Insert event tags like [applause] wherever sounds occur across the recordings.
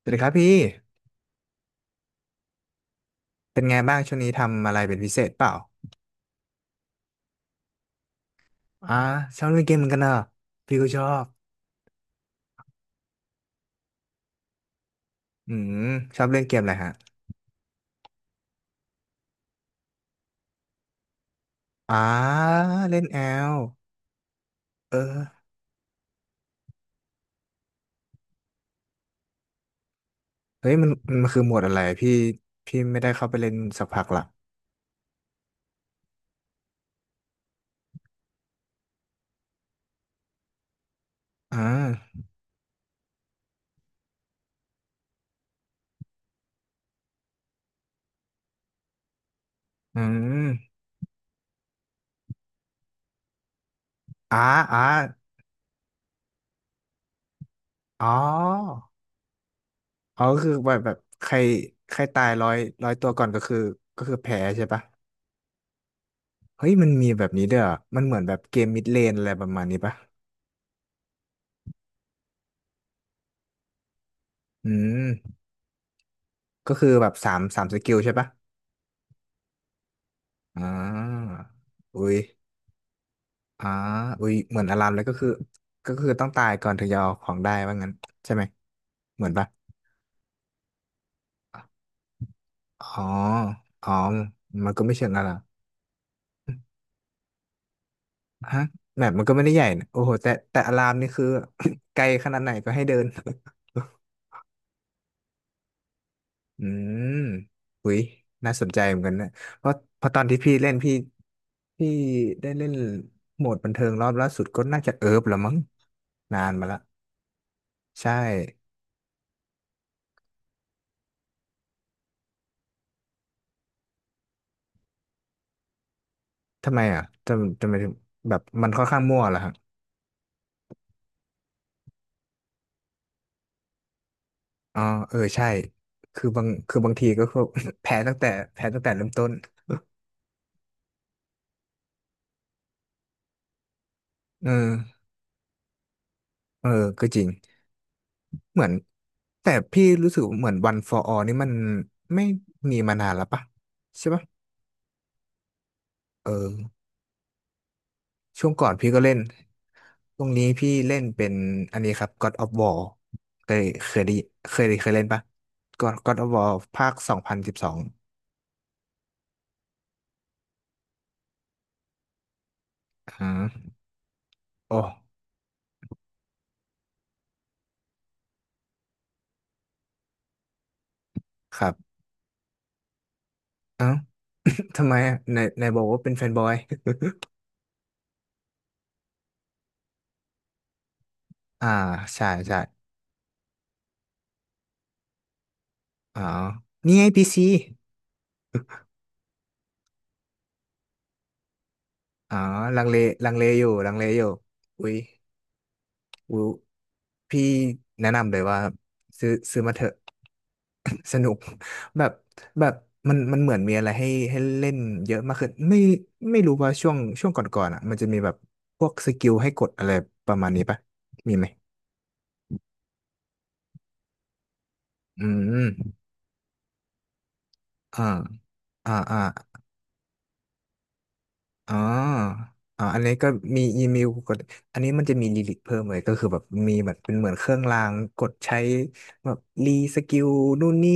สวัสดีครับพี่เป็นไงบ้างช่วงนี้ทำอะไรเป็นพิเศษเปล่าอ่าชอบเล่นเกมเหมือนกันเนอะพี่ก็ชอบ อืมชอบเล่นเกมอะไรฮะอ่าเล่นแอลเออเฮ้ยมันคือโหมดอะไรพี่ไม่ได้เข้าไปเล่นสักพักละอ่าอืมอ่าอ่าอ๋ออ๋อก็คือแบบใครใครตายร้อย100 ตัวก่อนก็คือแพ้ใช่ปะเฮ้ยมันมีแบบนี้ด้วยเหรอมันเหมือนแบบเกมมิดเลนอะไรประมาณนี้ปะอืม ก็คือแบบสามสกิลใช่ปะอ่าอุ้ยอ่าอุ้ยเหมือนอารามเลยก็คือต้องตายก่อนถึงจะเอาของได้ว่างั้นใช่ไหมเหมือนปะอ๋ออ๋อมันก็ไม่เชิงอารามฮะแมปมันก็ไม่ได้ใหญ่นะโอ้โหแต่อารามนี่คือ [coughs] ไกลขนาดไหนก็ให้เดิน [laughs] อืมอุ้ยน่าสนใจเหมือนกันนะเพราะตอนที่พี่เล่นพี่ได้เล่นโหมดบันเทิงรอบล่าสุดก็น่าจะเอิร์ฟแลวมั้งนานมาละ ใช่ ทำไมอ่ะทำไมถึงแบบมันค่อนข้างมั่วเหรอฮะอ๋อเออ ใช่ คือบางทีก็คือ [laughs] แพ้ตั้งแต่แพ้ตั้งแต่เริ่มต้น เออ เออก็จริงเหมือนแต่พี่รู้สึกเหมือน One for All นี่มัน ไม่มีมานานแล้วปะใช่ปะ เออ ช่วงก่อนพี่ก็เล่น ตรงนี้พี่เล่นเป็น อันนี้ครับ God of War เคยเคยได้เคยเล่นปะ God of War ภาค2012อ่าโอ้ครับเอ้า ทำไมอะไหนไหนบอกว่าเป็นแฟนบอย [laughs] อ่าใช่ใช่อ๋อนี่ไงพีซีอ๋อลังเลลังเลอยู่อุ้ยอุ้ยพี่แนะนำเลยว่าซื้อมาเถอะ [laughs] สนุกแบบแบบมันเหมือนมีอะไรให้เล่นเยอะมากขึ้นไม่รู้ว่าช่วงก่อนๆอ่ะมันจะมีแบบพวกสกิลให้กดอะไรประมาณนี้ปะมีไหมอืมอ่าอ่าอ่า อ่าอ่าอันนี้ก็มีอีเมลกดอันนี้มันจะมีลิลิกเพิ่มเลยก็คือแบบมีแบบเป็นเหมือนเครื่องรางกดใช้แบบรีสกิลนู่นนี่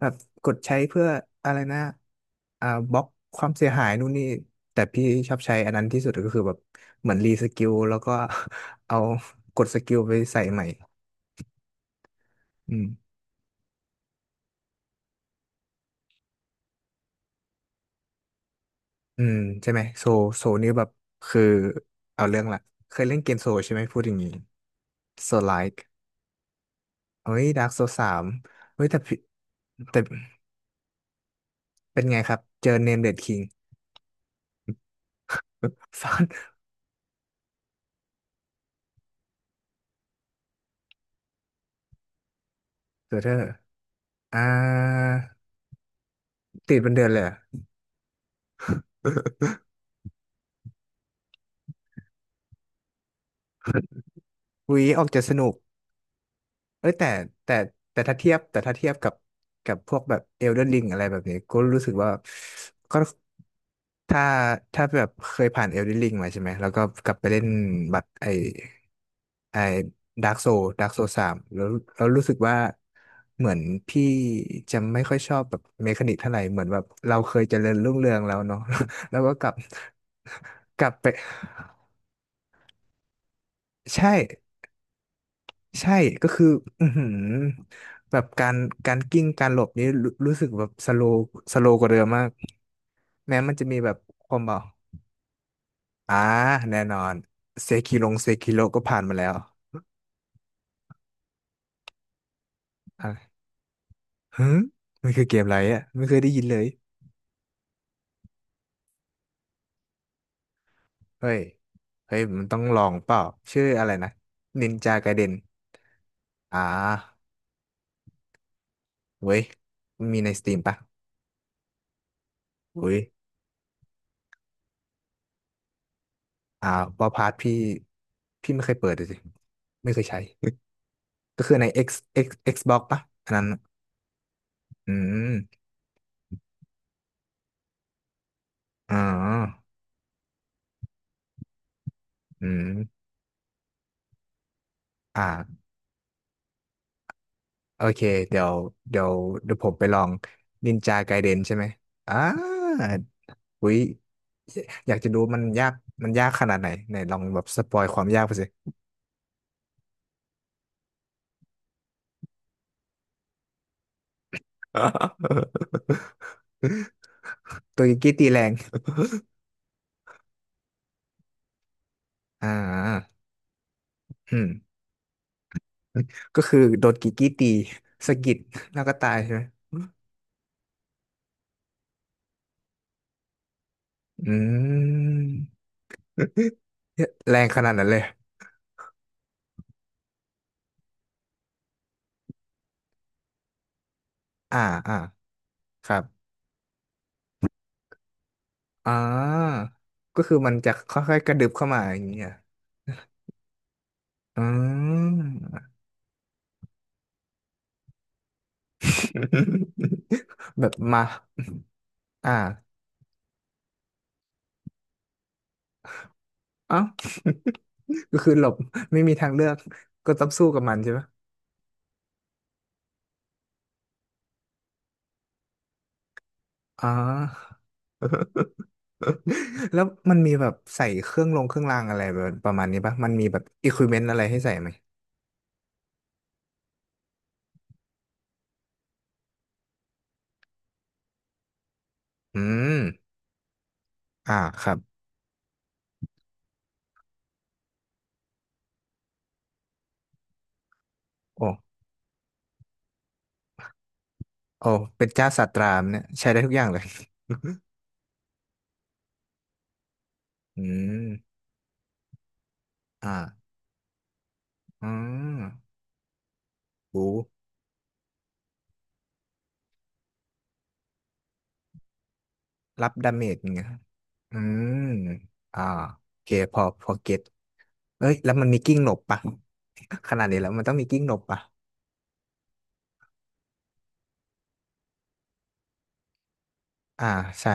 แบบกดใช้เพื่ออะไรนะบล็อกความเสียหายนู่นนี่แต่พี่ชอบใช้อันนั้นที่สุดก็คือแบบเหมือนรีสกิลแล้วก็ [laughs] เอากดสกิลไปใส่ใหม่อืมอืมใช่ไหมโซนี่แบบคือเอาเรื่องละเคยเล่นเกมโซใช่ไหมพูดอย่างนี้โซไลค์ เฮ้ยดาร์กโซสามเฮ้ย แต่พี่แต่เป็นไงครับ เจอเนมเดดคิงฟ [laughs] อนเดอร์อ่าติดเป็นเดือนเลยเหรอะ [laughs] วีออกจะสนุก เอ้ยแต่แต่ถ้าเทียบกับพวกแบบเอลเดนริงอะไรแบบนี้ก็รู้สึกว่าก็ถ้าถ้าแบบเคยผ่านเอลเดนริงมาใช่ไหมแล้วก็กลับไปเล่นบัตรไอดาร์กโซดาร์กโซสามแล้วแล้วรู้สึกว่าเหมือนพี่จะไม่ค่อยชอบแบบเมคานิกเท่าไหร่เหมือนแบบเราเคยเจริญรุ่งเรืองแล้วเนาะ [laughs] แล้วก็กลับไปใช่ ใช่ก็คืออือหือแบบการกิ้งการหลบนี้รู้สึกแบบสโลกว่าเดิมมากแม้มันจะมีแบบความเบอกอ่าแน่นอนเซคิโลก็ผ่านมาแล้วอ่ะฮึมันคือเกมอะไรอ่ะไม่เคยได้ยินเลยเฮ้ยเฮ้ยมันต้องลองเปล่าชื่ออะไรนะนินจาไกเดนอ่าเว้ยมีในสตรีมปะอุ้ยอ่าว่าพาร์ทพี่ไม่เคยเปิดเลยสิไม่เคยใช้ก็คือใน X Xbox ปะอันนั้นอืม อ๋ออืมอ่าโอเคเดี๋ยวเดี๋ยวเดี๋ยวผมไปลองนินจาไกเดนใช่ไหมอ่าอุ้ยอยากจะดูมันยากขนาดไหนไหนลองแบบสปอยความยากไปสิ [laughs] ตัวกิกกี้ตีแรงอ่าอืมก็คือโดนกิกกี้ตีสะกิดแล้วก็ตายใช่ไหมอืมแรงขนาดนั้นเลยอ่าอ่าครับอ่าก็คือมันจะค่อยๆกระดึบเข้ามาอย่างเงี้ย อ่า [laughs] แบบมาอ่าเอ้า [laughs] ก็คือหลบไม่มีทางเลือกก็ต้องสู้กับมันใช่ไหมอ่า [laughs] แล้วมันมีแบบใส่เครื่องรางอะไรแบบประมาณนี้ปะมันมีแบบอิควิเมนต์อะไรให้ใส่ไหมอืมอ่าครับโอ้โอ้เป็นเจ้าสัตรามเนี่ยใช้ได้ทุกอย่างเลย [laughs] อืมอ่าอืมโอ้ รับดาเมจอย่างเงี้ยครับอืมอ่าโอเคพอเก็ตเอ้ยแล้วมันมีกิ้งหลบปะ [laughs] ขนาดนี้แล้วมันต้องมีกิ้งหลบปะอ่าใช่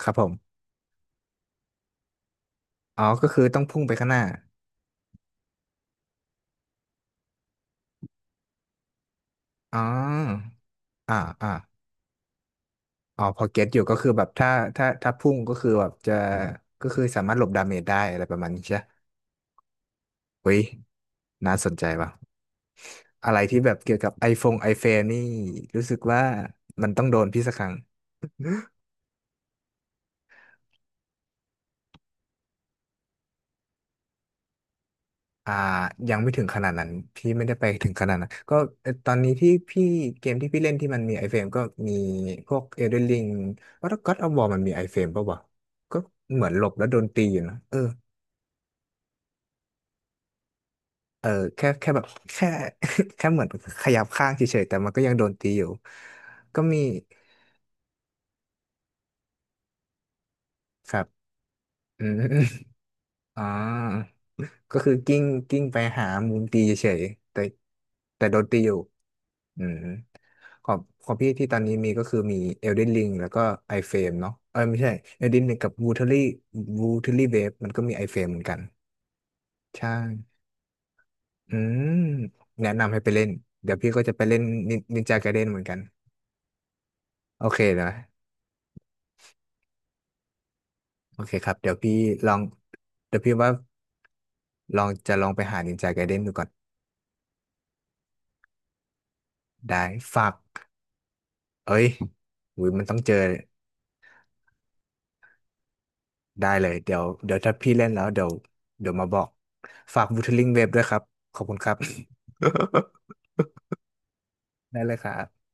ครับผมอ๋อก็คือต้องพุ่งไปข้างหน้าอ๋ออ่าอ่าอ๋อพอเก็ตอยู่ก็คือแบบถ้าพุ่งก็คือแบบจะ ก็คือสามารถหลบดาเมจได้อะไรประมาณนี้ใช่ไหเฮ้ยน่าสนใจว่ะอะไรที่แบบเกี่ยวกับไอเฟนนี่รู้สึกว่ามันต้องโดนพี่สักครั้ง อ่ายังไม่ถึงขนาดนั้นพี่ไม่ได้ไปถึงขนาดนั้นก็ตอนนี้เกมที่พี่เล่นที่มันมีไอเฟรมก็มีพวก Elden Ring ว่าถ้า God of War มันมีไอเฟรมป่าววะก็เหมือนหลบแล้วโดนตีอยู่นะเออเออแค่แบบแค่ [laughs] แค่เหมือนขยับข้างเฉยๆแต่มันก็ยังโดนตีอยู่ก็มีครับอืม [laughs] อ๋อ ก็คือกิ้งไปหามุมตีเฉยๆแต่โดนตีอยู่อืมของของพี่ที่ตอนนี้มีก็คือมี Elden Ring แล้วก็ iFrame เนาะเออไม่ใช่ Elden Ring กับ Watery Wave มันก็มี iFrame เหมือนกันใช่อืมแนะนำให้ไปเล่นเดี๋ยวพี่ก็จะไปเล่นนินจา g a เด e n เหมือนกันโอเคนะโอเคครับเดี๋ยวพี่ลองเดี๋ยวพี่ว่าลองจะลองไปหานินจา g a เด e n ดูก่อนได้ฝากเอ้ยอุ้ยมันต้องเจอ ได้เลยเดี๋ยวถ้าพี่เล่นแล้วเดี๋ยวมาบอกฝาก Wuthering Waves ด้วยครับขอบคุณครับ [laughs] ได้เลยครับ